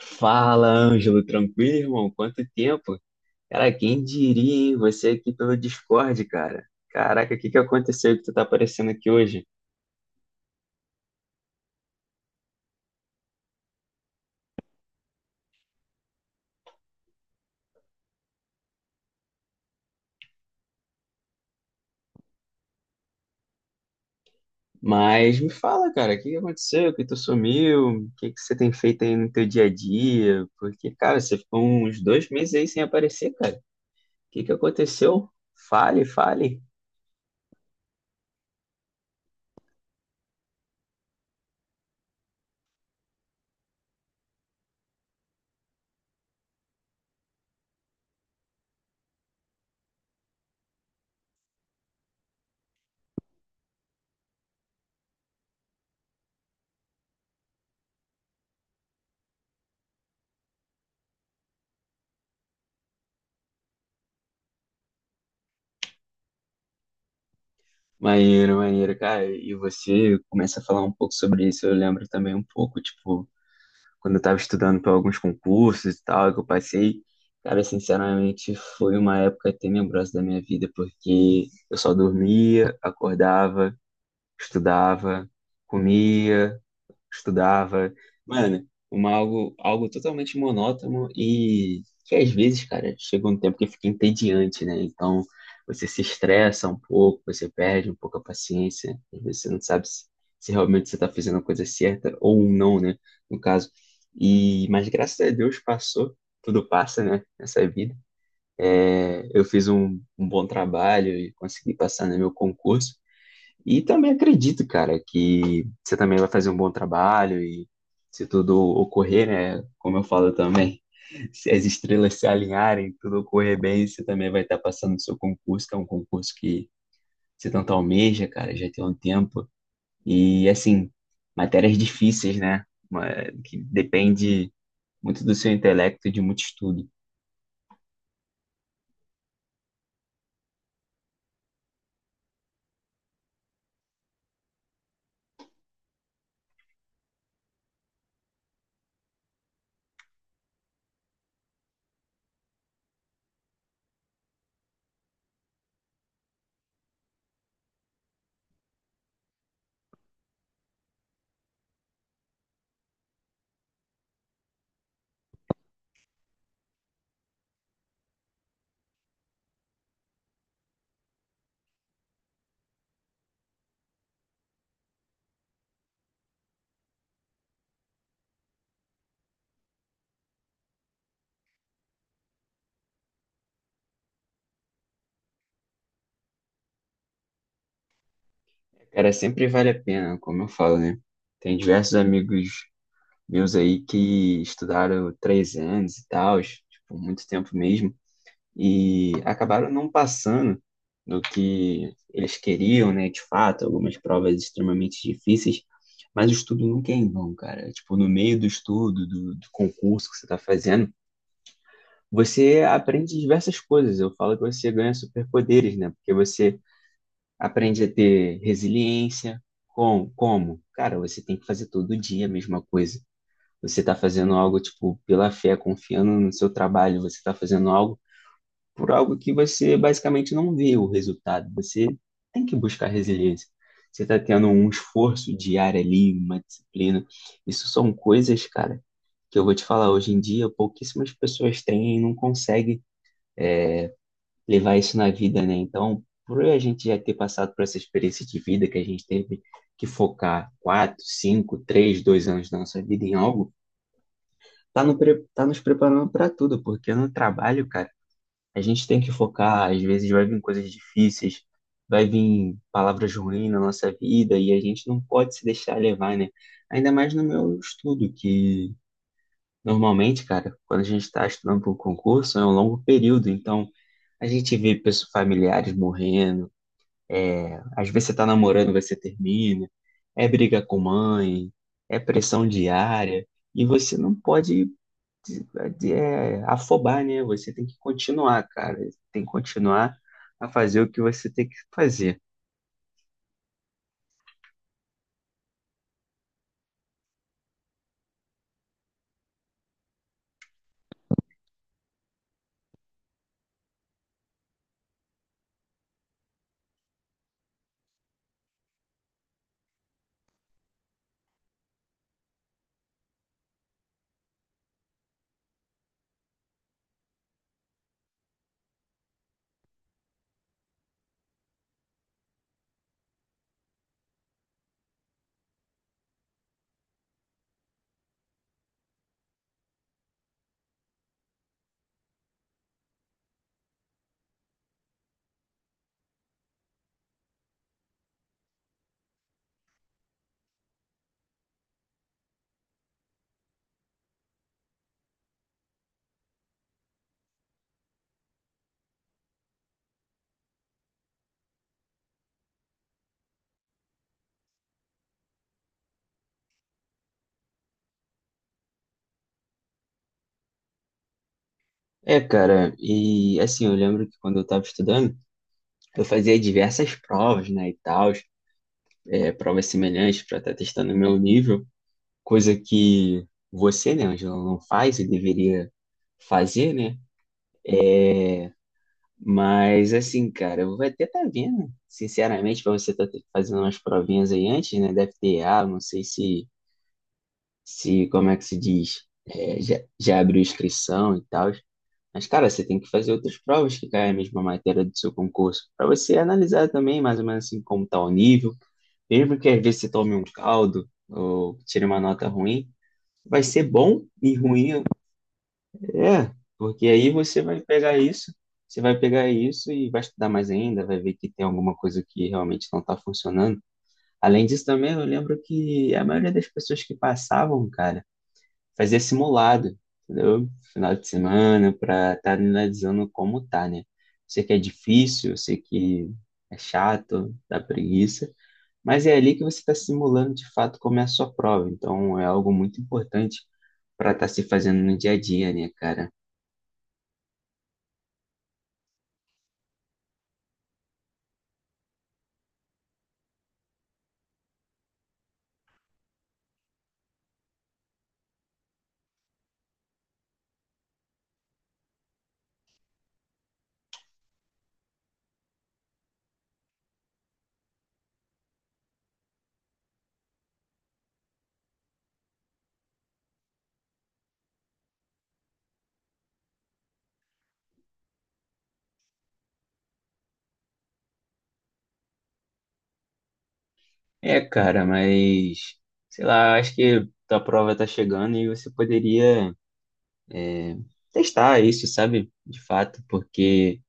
Fala, Ângelo, tranquilo, irmão? Quanto tempo? Cara, quem diria, hein? Você aqui pelo Discord, cara. Caraca, o que que aconteceu que tu tá aparecendo aqui hoje? Mas me fala, cara, o que que aconteceu? Que tu sumiu? O que que você tem feito aí no teu dia a dia? Porque, cara, você ficou uns dois meses aí sem aparecer, cara. O que que aconteceu? Fale, fale. Maneiro, maneiro, cara. E você começa a falar um pouco sobre isso, eu lembro também um pouco, tipo, quando eu estava estudando para alguns concursos e tal, que eu passei, cara, sinceramente foi uma época tenebrosa da minha vida, porque eu só dormia, acordava, estudava, comia, estudava. Mano, algo totalmente monótono e que às vezes, cara, chega um tempo que fica entediante, né? Então você se estressa um pouco, você perde um pouco a paciência, às vezes você não sabe se realmente você está fazendo a coisa certa ou não, né? No caso. E, mas graças a Deus passou, tudo passa, né? Nessa vida. É, eu fiz um bom trabalho e consegui passar no meu concurso. E também acredito, cara, que você também vai fazer um bom trabalho e se tudo ocorrer, né? Como eu falo também, se as estrelas se alinharem, tudo ocorrer bem, você também vai estar passando no seu concurso, que é um concurso que você tanto almeja, cara, já tem um tempo. E assim, matérias difíceis, né? Uma- Que depende muito do seu intelecto e de muito estudo. Cara, sempre vale a pena, como eu falo, né? Tem diversos amigos, vi uns aí que estudaram três anos e tal, tipo, muito tempo mesmo, e acabaram não passando do que eles queriam, né? De fato, algumas provas extremamente difíceis, mas o estudo nunca é em vão, cara. Tipo, no meio do estudo, do concurso que você está fazendo, você aprende diversas coisas. Eu falo que você ganha superpoderes, né? Porque você aprende a ter resiliência. Como? Cara, você tem que fazer todo dia a mesma coisa. Você está fazendo algo, tipo, pela fé, confiando no seu trabalho, você está fazendo algo por algo que você basicamente não vê o resultado. Você tem que buscar resiliência. Você está tendo um esforço diário ali, uma disciplina. Isso são coisas, cara, que eu vou te falar. Hoje em dia, pouquíssimas pessoas têm e não conseguem levar isso na vida, né? Então, por a gente já ter passado por essa experiência de vida que a gente teve que focar quatro, cinco, três, dois anos da nossa vida em algo, tá, no pre- tá nos preparando para tudo, porque no trabalho, cara, a gente tem que focar, às vezes vai vir coisas difíceis, vai vir palavras ruins na nossa vida e a gente não pode se deixar levar, né? Ainda mais no meu estudo, que normalmente, cara, quando a gente está estudando para um concurso, é um longo período, então a gente vê pessoas familiares morrendo, é, às vezes você tá namorando, você termina, é briga com mãe, é pressão diária. E você não pode de- afobar, né? Você tem que continuar, cara. Tem que continuar a fazer o que você tem que fazer. É, cara, e assim, eu lembro que quando eu estava estudando, eu fazia diversas provas, né, e tal, é, provas semelhantes para estar testando o meu nível, coisa que você, né, Angela, não faz e deveria fazer, né? Mas assim, cara, eu vou até estar vendo, sinceramente, para você estar fazendo umas provinhas aí antes, né, da FTA, não sei se se, como é que se diz, é, já abriu inscrição e tal. Mas, cara, você tem que fazer outras provas que caem a mesma matéria do seu concurso, para você analisar também, mais ou menos assim, como está o nível. Mesmo que às vezes você tome um caldo ou tire uma nota ruim, vai ser bom e ruim, é, porque aí você vai pegar isso, você vai pegar isso e vai estudar mais ainda, vai ver que tem alguma coisa que realmente não está funcionando. Além disso, também eu lembro que a maioria das pessoas que passavam, cara, fazer simulado, entendeu? Final de semana, para estar analisando como tá, né? Sei que é difícil, eu sei que é chato, dá preguiça, mas é ali que você está simulando de fato como é a sua prova. Então é algo muito importante para estar se fazendo no dia a dia, né, cara? É, cara, mas sei lá, acho que a prova tá chegando e você poderia, é, testar isso, sabe? De fato, porque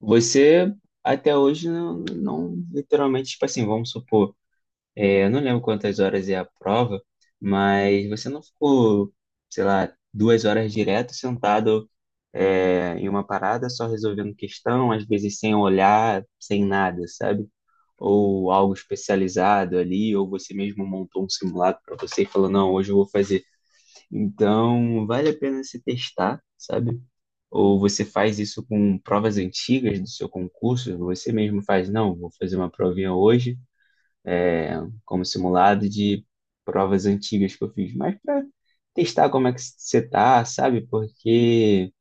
você até hoje não literalmente, tipo assim, vamos supor, é, eu não lembro quantas horas é a prova, mas você não ficou, sei lá, duas horas direto sentado, é, em uma parada só resolvendo questão, às vezes sem olhar, sem nada, sabe? Ou algo especializado ali, ou você mesmo montou um simulado para você e falou, não, hoje eu vou fazer. Então, vale a pena se testar, sabe? Ou você faz isso com provas antigas do seu concurso? Você mesmo faz, não, vou fazer uma provinha hoje, é, como simulado de provas antigas que eu fiz, mas para testar como é que você tá, sabe? Porque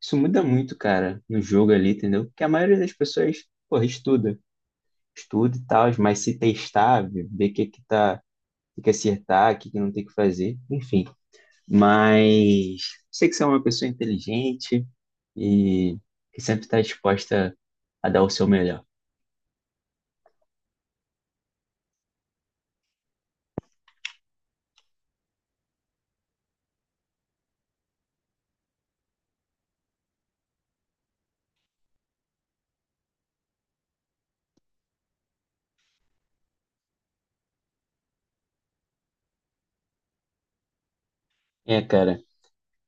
isso muda muito, cara, no jogo ali, entendeu? Porque a maioria das pessoas, porra, estuda, estuda e tal, mas se testar, ver o que que tá, o que que acertar, o que que não tem que fazer, enfim. Mas sei que você é uma pessoa inteligente, e que sempre está disposta a dar o seu melhor. É, cara,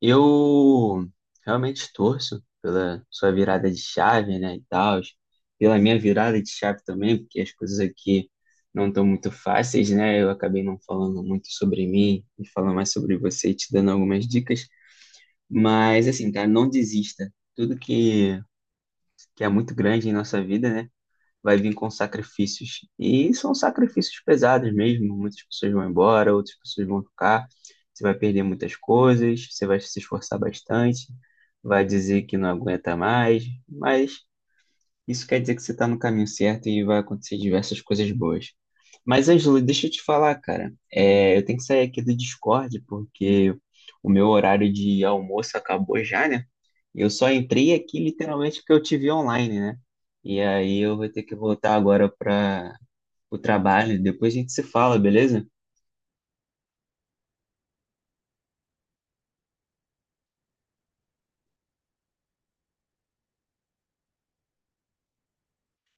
eu realmente torço pela sua virada de chave, né, e tal, pela minha virada de chave também, porque as coisas aqui não estão muito fáceis, né? Eu acabei não falando muito sobre mim e falando mais sobre você, e te dando algumas dicas, mas assim, cara, não desista. Tudo que é muito grande em nossa vida, né? Vai vir com sacrifícios. E são sacrifícios pesados mesmo. Muitas pessoas vão embora, outras pessoas vão ficar. Você vai perder muitas coisas, você vai se esforçar bastante, vai dizer que não aguenta mais, mas isso quer dizer que você está no caminho certo e vai acontecer diversas coisas boas. Mas, Ângelo, deixa eu te falar, cara. É, eu tenho que sair aqui do Discord porque o meu horário de almoço acabou já, né? Eu só entrei aqui literalmente porque eu te vi online, né? E aí eu vou ter que voltar agora para o trabalho. Depois a gente se fala, beleza?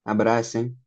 Abraço, hein?